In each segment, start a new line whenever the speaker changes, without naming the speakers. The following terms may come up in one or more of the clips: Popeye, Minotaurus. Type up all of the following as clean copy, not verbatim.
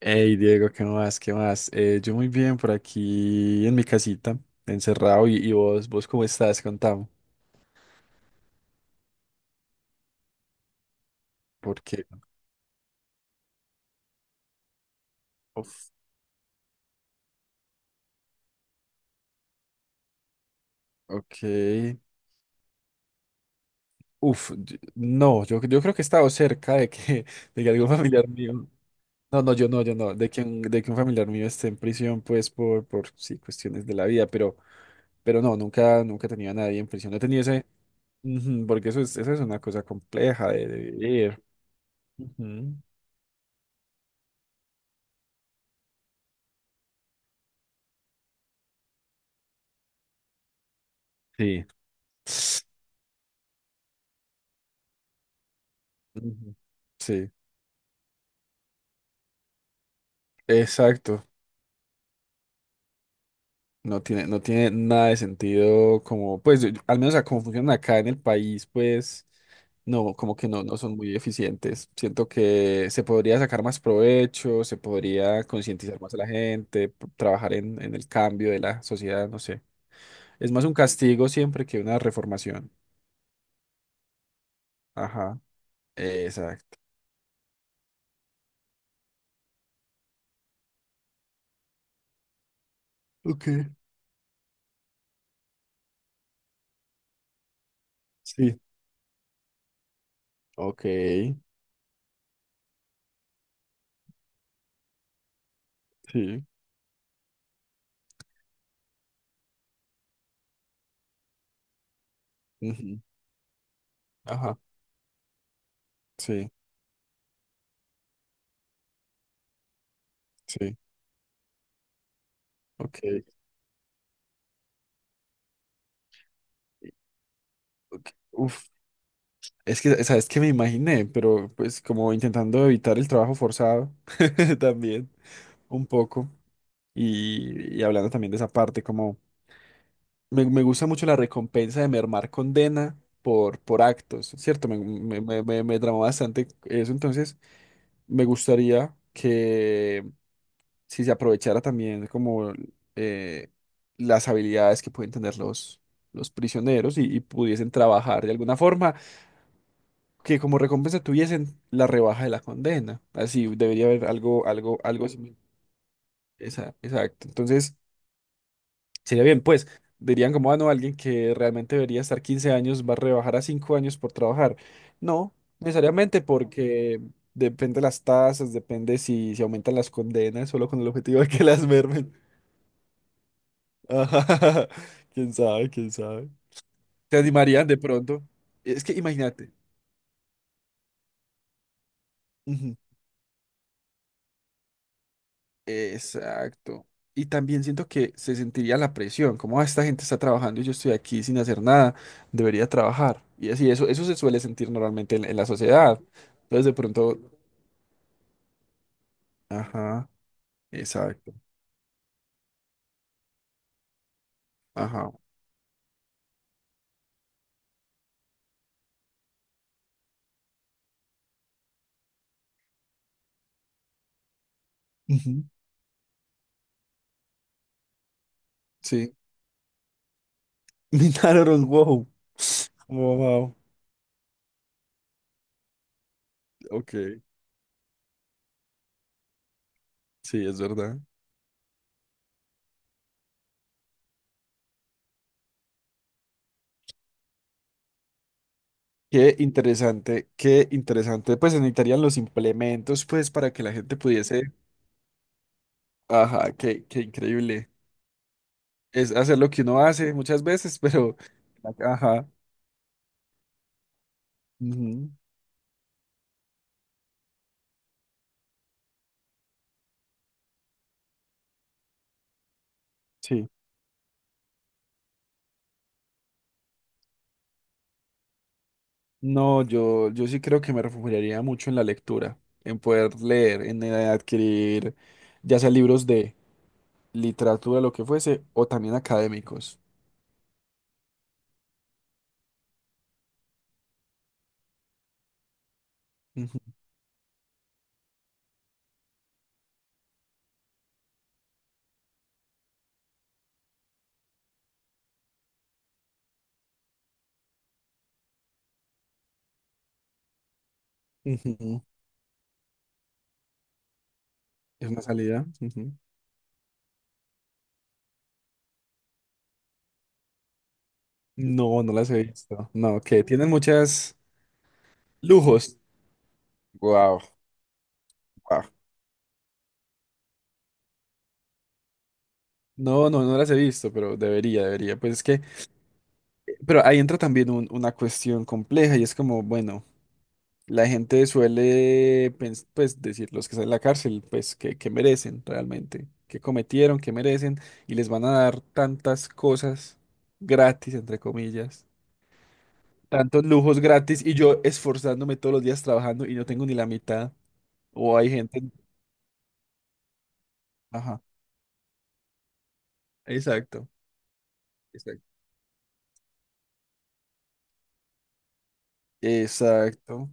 Hey Diego, ¿qué más? ¿Qué más? Yo muy bien por aquí en mi casita, encerrado. ¿Y vos cómo estás? Contame. Porque. Uf. Ok. Uf, no, yo creo que he estado cerca de que, de que algún familiar mío. No, no, yo no, de que un familiar mío esté en prisión, pues por, sí, cuestiones de la vida, pero no, nunca he tenido a nadie en prisión. No he tenido ese. Ujú, porque eso es una cosa compleja de vivir. Ujú. Sí. Ujú. Sí. Exacto. No tiene nada de sentido como, pues, al menos a cómo funcionan acá en el país, pues, no, como que no son muy eficientes. Siento que se podría sacar más provecho, se podría concientizar más a la gente, trabajar en el cambio de la sociedad, no sé. Es más un castigo siempre que una reformación. Ajá. Exacto. Ok. Sí. Ok. Sí. Ujú. Ajá. Sí. Sí. Ok. Ok. Uf. Es que, ¿sabes qué me imaginé? Pero pues como intentando evitar el trabajo forzado también, un poco. Y hablando también de esa parte, como me gusta mucho la recompensa de mermar condena por actos, ¿cierto? Me tramó bastante eso, entonces me gustaría que si se aprovechara también como eh, las habilidades que pueden tener los prisioneros y pudiesen trabajar de alguna forma que como recompensa tuviesen la rebaja de la condena. Así debería haber algo, algo, algo similar. Exacto. Entonces, sería bien, pues, dirían como, ah, no, alguien que realmente debería estar 15 años va a rebajar a 5 años por trabajar. No, necesariamente porque depende las tasas, depende si se aumentan las condenas, solo con el objetivo de que las mermen. Ajá. Quién sabe, quién sabe. Se animarían de pronto. Es que imagínate. Ujú. Exacto. Y también siento que se sentiría la presión, como "Ah, esta gente está trabajando y yo estoy aquí sin hacer nada, debería trabajar". Y así, eso se suele sentir normalmente en la sociedad. Entonces de pronto, ajá, exacto, ajá, ujú, sí. Minotaurus, wow. Wow, wow. Ok, sí, es verdad. Qué interesante, qué interesante. Pues se necesitarían los implementos, pues, para que la gente pudiese, ajá, qué increíble. Es hacer lo que uno hace muchas veces, pero, ajá, ujú, sí. No, yo sí creo que me refugiaría mucho en la lectura, en poder leer, en adquirir ya sea libros de literatura, lo que fuese, o también académicos. Ujú, ujú. Es una salida. Ujú. No, no las he visto. No, que tienen muchas lujos. Wow, wow. No, no, no las he visto, pero debería, debería. Pues es que, pero ahí entra también una cuestión compleja y es como, bueno. La gente suele, pues, decir los que están en la cárcel, pues, que merecen realmente, que cometieron, que merecen, y les van a dar tantas cosas gratis, entre comillas, tantos lujos gratis, y yo esforzándome todos los días trabajando y no tengo ni la mitad. O hay gente, ajá, exacto, exacto. Exacto.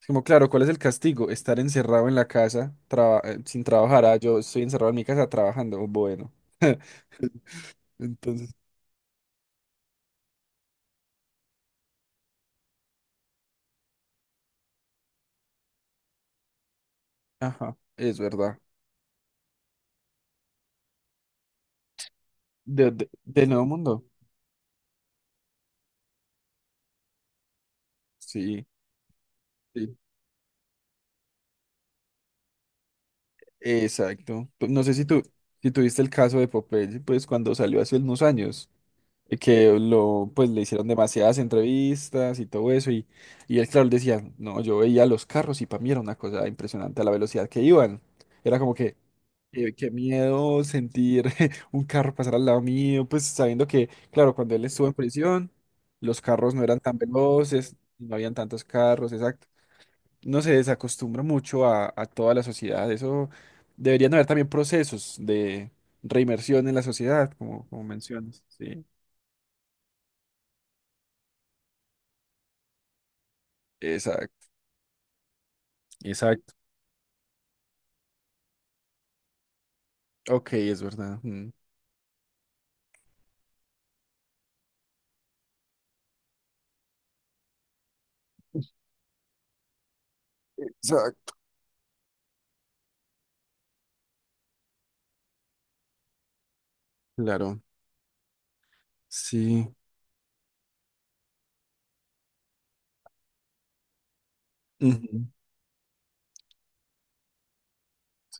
Es como, claro, ¿cuál es el castigo? Estar encerrado en la casa sin trabajar. Ah, yo estoy encerrado en mi casa trabajando. Bueno. Entonces, ajá, es verdad. Del Nuevo Mundo. Sí, sí, exacto. No sé si tú, si tuviste el caso de Popeye, pues cuando salió hace unos años, que lo, pues le hicieron demasiadas entrevistas y todo eso, y él, claro, él decía, no, yo veía los carros y para mí era una cosa impresionante a la velocidad que iban. Era como que, qué miedo sentir un carro pasar al lado mío, pues sabiendo que, claro, cuando él estuvo en prisión, los carros no eran tan veloces, no habían tantos carros, exacto. No se desacostumbra mucho a toda la sociedad. Eso deberían haber también procesos de reinmersión en la sociedad, como, mencionas. Sí, exacto, exacto. Ok, es verdad. Mm. Exacto. Claro, sí. Ujú.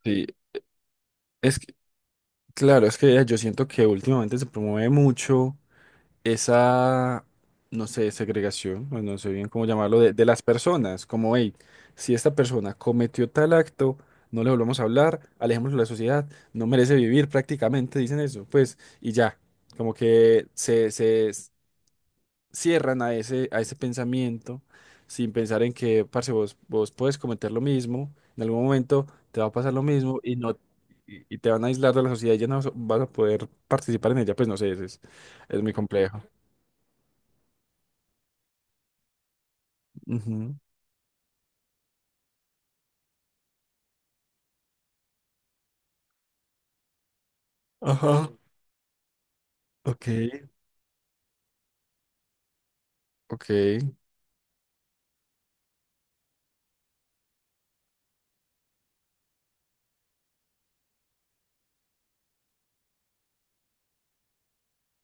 Sí, es que, claro, es que yo siento que últimamente se promueve mucho esa, no sé, segregación, o no sé bien cómo llamarlo, de las personas, como, hey, si esta persona cometió tal acto, no le volvamos a hablar, alejémoslo de la sociedad, no merece vivir prácticamente, dicen eso, pues, y ya, como que cierran a ese pensamiento sin pensar en que, parce, vos puedes cometer lo mismo, en algún momento te va a pasar lo mismo y no... Y te van a aislar de la sociedad y ya no vas a poder participar en ella, pues no sé, es es muy complejo. Ujú. Ajá. Ok, ok.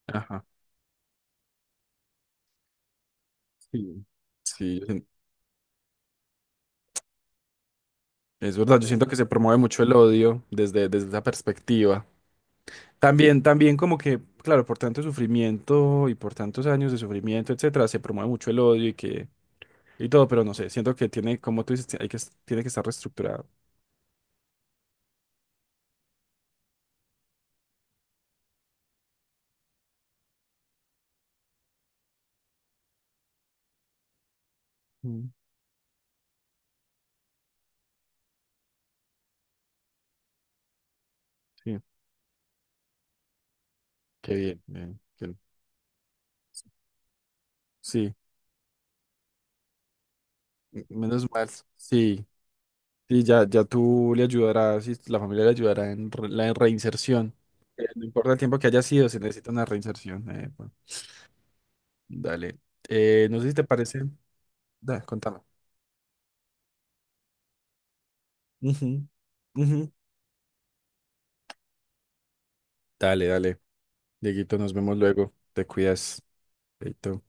Ajá. Sí. Sí, es verdad. Yo siento que se promueve mucho el odio desde esa perspectiva. También, también como que, claro, por tanto sufrimiento y por tantos años de sufrimiento, etcétera, se promueve mucho el odio y que y todo, pero no sé, siento que tiene, como tú dices, hay que, tiene que estar reestructurado. Mm. Sí. Qué bien. Bien, sí, menos mal. Sí. Sí, ya, ya tú le ayudarás y la familia le ayudará en la reinserción. No importa el tiempo que haya sido, se necesita una reinserción. Bueno, dale. No sé si te parece. Da, contame. Ujú, ujú. Dale, dale. Dieguito, nos vemos luego. Te cuidas. Chaito.